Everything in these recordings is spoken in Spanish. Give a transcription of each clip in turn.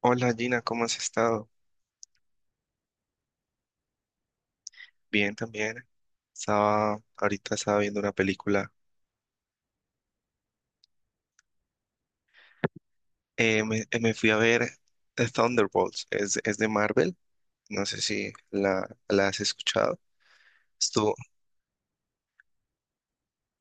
Hola Gina, ¿cómo has estado? Bien también. Estaba, ahorita estaba viendo una película. Me fui a ver Thunderbolts. Es de Marvel. No sé si la has escuchado. Estuvo,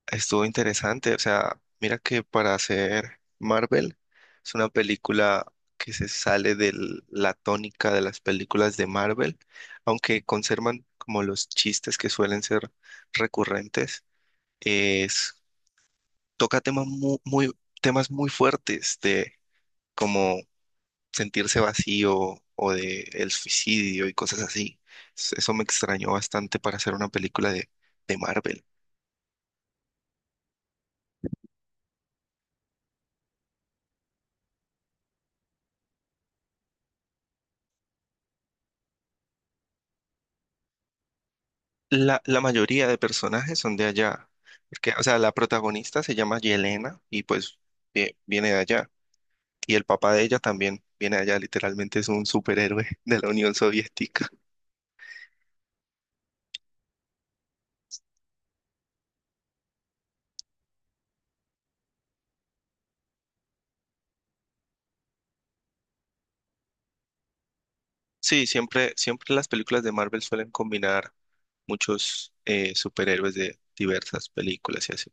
estuvo interesante. O sea, mira que para hacer Marvel es una película que se sale de la tónica de las películas de Marvel, aunque conservan como los chistes que suelen ser recurrentes. Es toca temas temas muy fuertes de como sentirse vacío o de el suicidio y cosas así. Eso me extrañó bastante para hacer una película de Marvel. La mayoría de personajes son de allá, porque, o sea, la protagonista se llama Yelena y pues viene de allá. Y el papá de ella también viene de allá, literalmente es un superhéroe de la Unión Soviética. Sí, siempre las películas de Marvel suelen combinar muchos superhéroes de diversas películas y así.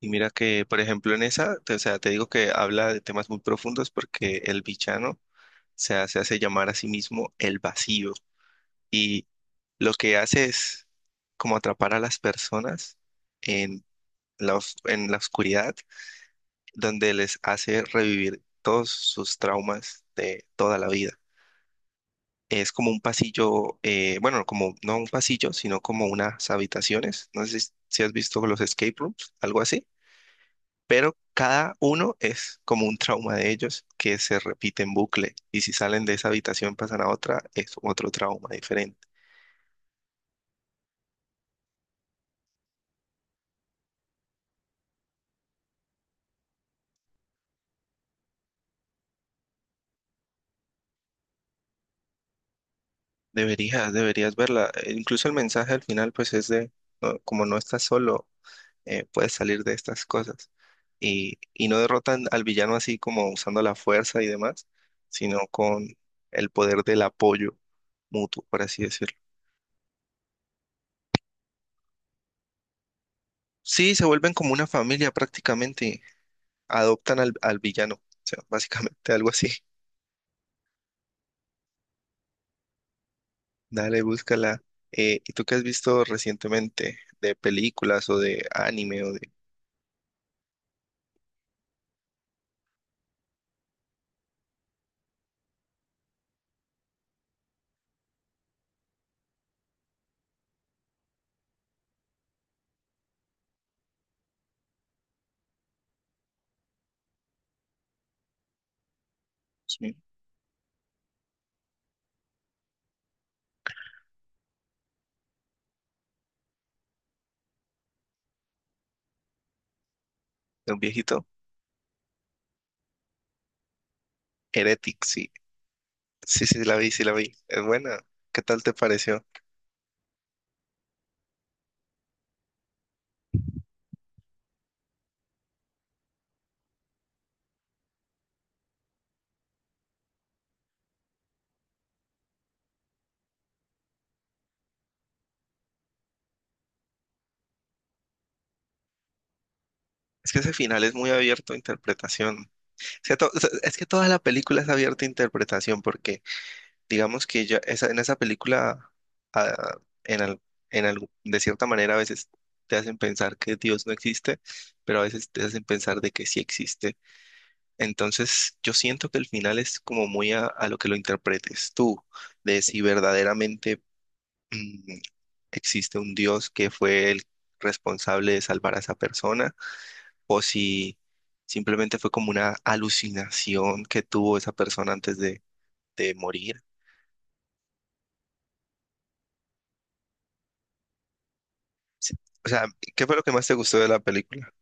Y mira que, por ejemplo, en esa, o sea, te digo que habla de temas muy profundos porque el villano hace llamar a sí mismo el vacío y lo que hace es como atrapar a las personas en en la oscuridad donde les hace revivir todos sus traumas de toda la vida. Es como un pasillo, bueno, como no un pasillo, sino como unas habitaciones. No sé si has visto los escape rooms, algo así, pero cada uno es como un trauma de ellos que se repite en bucle. Y si salen de esa habitación, pasan a otra, es otro trauma diferente. Deberías verla. Incluso el mensaje al final, pues es de, no, como no estás solo, puedes salir de estas cosas. Y no derrotan al villano así como usando la fuerza y demás, sino con el poder del apoyo mutuo, por así decirlo. Sí, se vuelven como una familia prácticamente, adoptan al villano, o sea, básicamente algo así. Dale, búscala. ¿Y tú qué has visto recientemente de películas o de anime o de, sí, de un viejito? Heretic, sí. Sí, sí, la vi, sí la vi. Es buena. ¿Qué tal te pareció? Es que ese final es muy abierto a interpretación. O sea, o sea, es que toda la película es abierta a interpretación porque digamos que ya en esa película, ah, en al- en algo- de cierta manera a veces te hacen pensar que Dios no existe, pero a veces te hacen pensar de que sí existe. Entonces yo siento que el final es como muy a lo que lo interpretes tú, de si verdaderamente mm, existe un Dios que fue el responsable de salvar a esa persona o si simplemente fue como una alucinación que tuvo esa persona antes de morir. Sí. O sea, ¿qué fue lo que más te gustó de la película?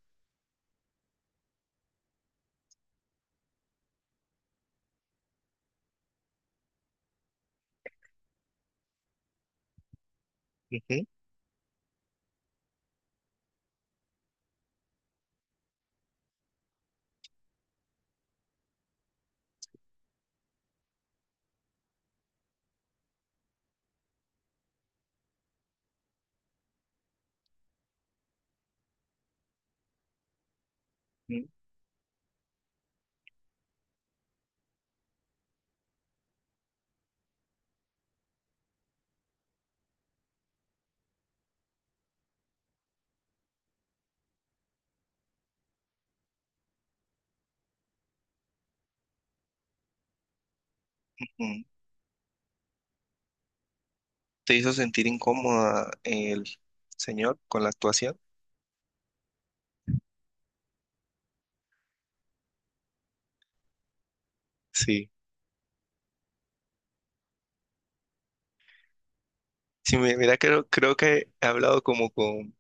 Ujú, ujú, ujú. ¿Te hizo sentir incómoda el señor con la actuación? Sí. Sí, mira, creo que he hablado como con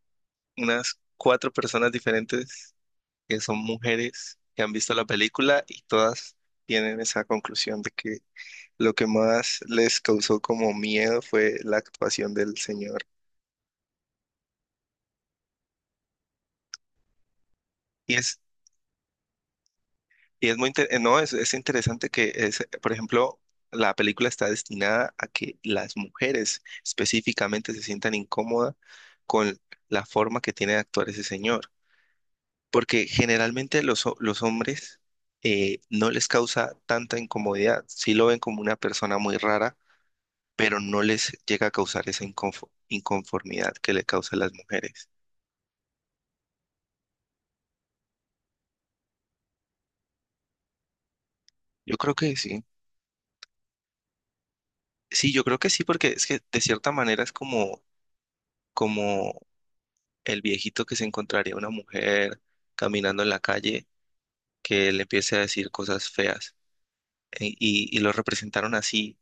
unas cuatro personas diferentes que son mujeres que han visto la película y todas tienen esa conclusión de que lo que más les causó como miedo fue la actuación del señor. Y es, y es muy, no, es interesante es, por ejemplo, la película está destinada a que las mujeres específicamente se sientan incómodas con la forma que tiene de actuar ese señor, porque generalmente los hombres no les causa tanta incomodidad, sí lo ven como una persona muy rara, pero no les llega a causar esa inconformidad que le causa a las mujeres. Yo creo que sí. Sí, yo creo que sí, porque es que de cierta manera es como, como el viejito que se encontraría una mujer caminando en la calle que le empiece a decir cosas feas. Y lo representaron así.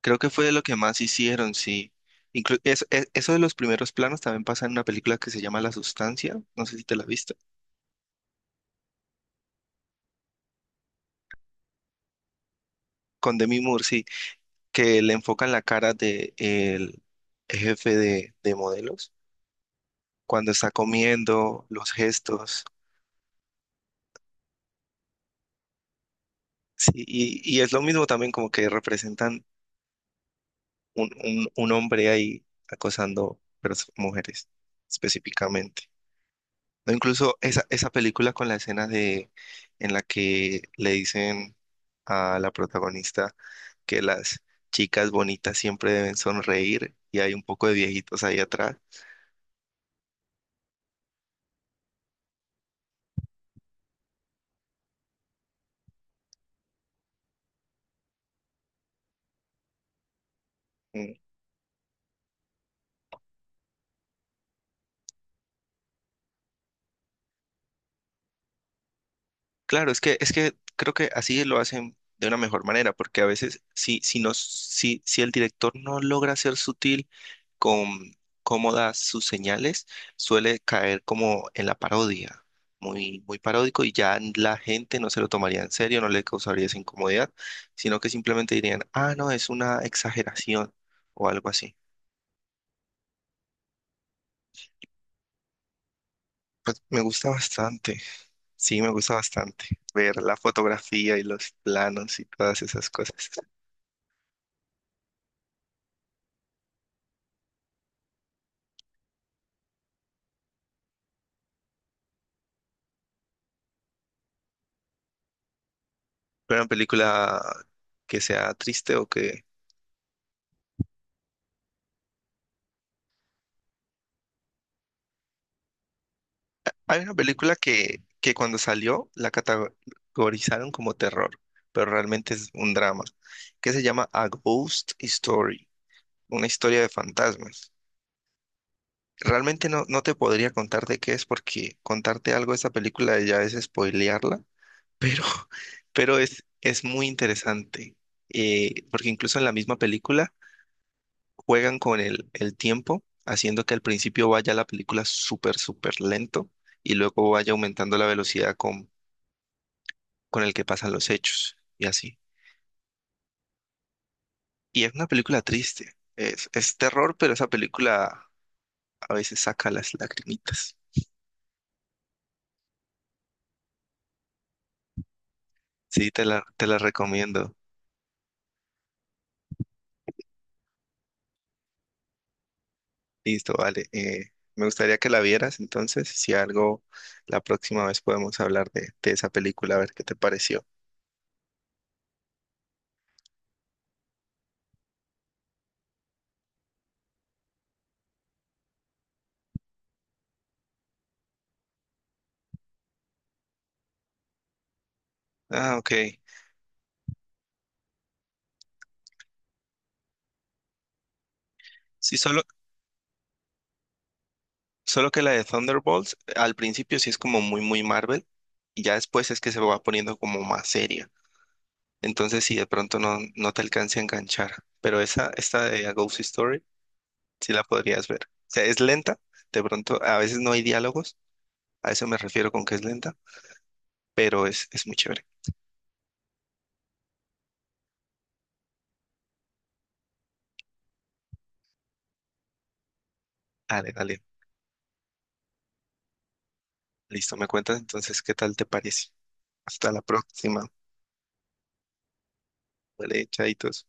Creo que fue de lo que más hicieron, sí. Eso de los primeros planos también pasa en una película que se llama La Sustancia, no sé si te la viste, con Demi Moore, sí, que le enfocan la cara de el jefe de modelos cuando está comiendo, los gestos, sí, y es lo mismo también como que representan un hombre ahí acosando mujeres específicamente. O incluso esa película con la escena de en la que le dicen a la protagonista que las chicas bonitas siempre deben sonreír y hay un poco de viejitos ahí atrás. Mm. Claro, es es que creo que así lo hacen de una mejor manera, porque a veces no, si el director no logra ser sutil con cómo da sus señales, suele caer como en la parodia, muy paródico y ya la gente no se lo tomaría en serio, no le causaría esa incomodidad, sino que simplemente dirían, ah, no, es una exageración o algo así. Pues me gusta bastante, sí, me gusta bastante ver la fotografía y los planos y todas esas cosas. ¿Pero una película que sea triste o que... Hay una película que cuando salió la categorizaron como terror, pero realmente es un drama, que se llama A Ghost Story, una historia de fantasmas. Realmente no te podría contar de qué es porque contarte algo de esa película ya es spoilearla, pero, pero es muy interesante, porque incluso en la misma película juegan con el tiempo, haciendo que al principio vaya la película súper lento y luego vaya aumentando la velocidad con el que pasan los hechos y así. Y es una película triste. Es terror, pero esa película a veces saca las lagrimitas. Sí, te la recomiendo. Listo, vale. Me gustaría que la vieras, entonces, si algo, la próxima vez podemos hablar de esa película, a ver qué te pareció. Ah, ok. Sí, solo que la de Thunderbolts al principio sí es como muy Marvel y ya después es que se va poniendo como más seria. Entonces, si de pronto no te alcance a enganchar. Pero esta de A Ghost Story, sí la podrías ver. O sea, es lenta, de pronto a veces no hay diálogos, a eso me refiero con que es lenta, pero es muy chévere. Dale. Listo, me cuentas entonces qué tal te parece. Hasta la próxima. Vale, chaitos.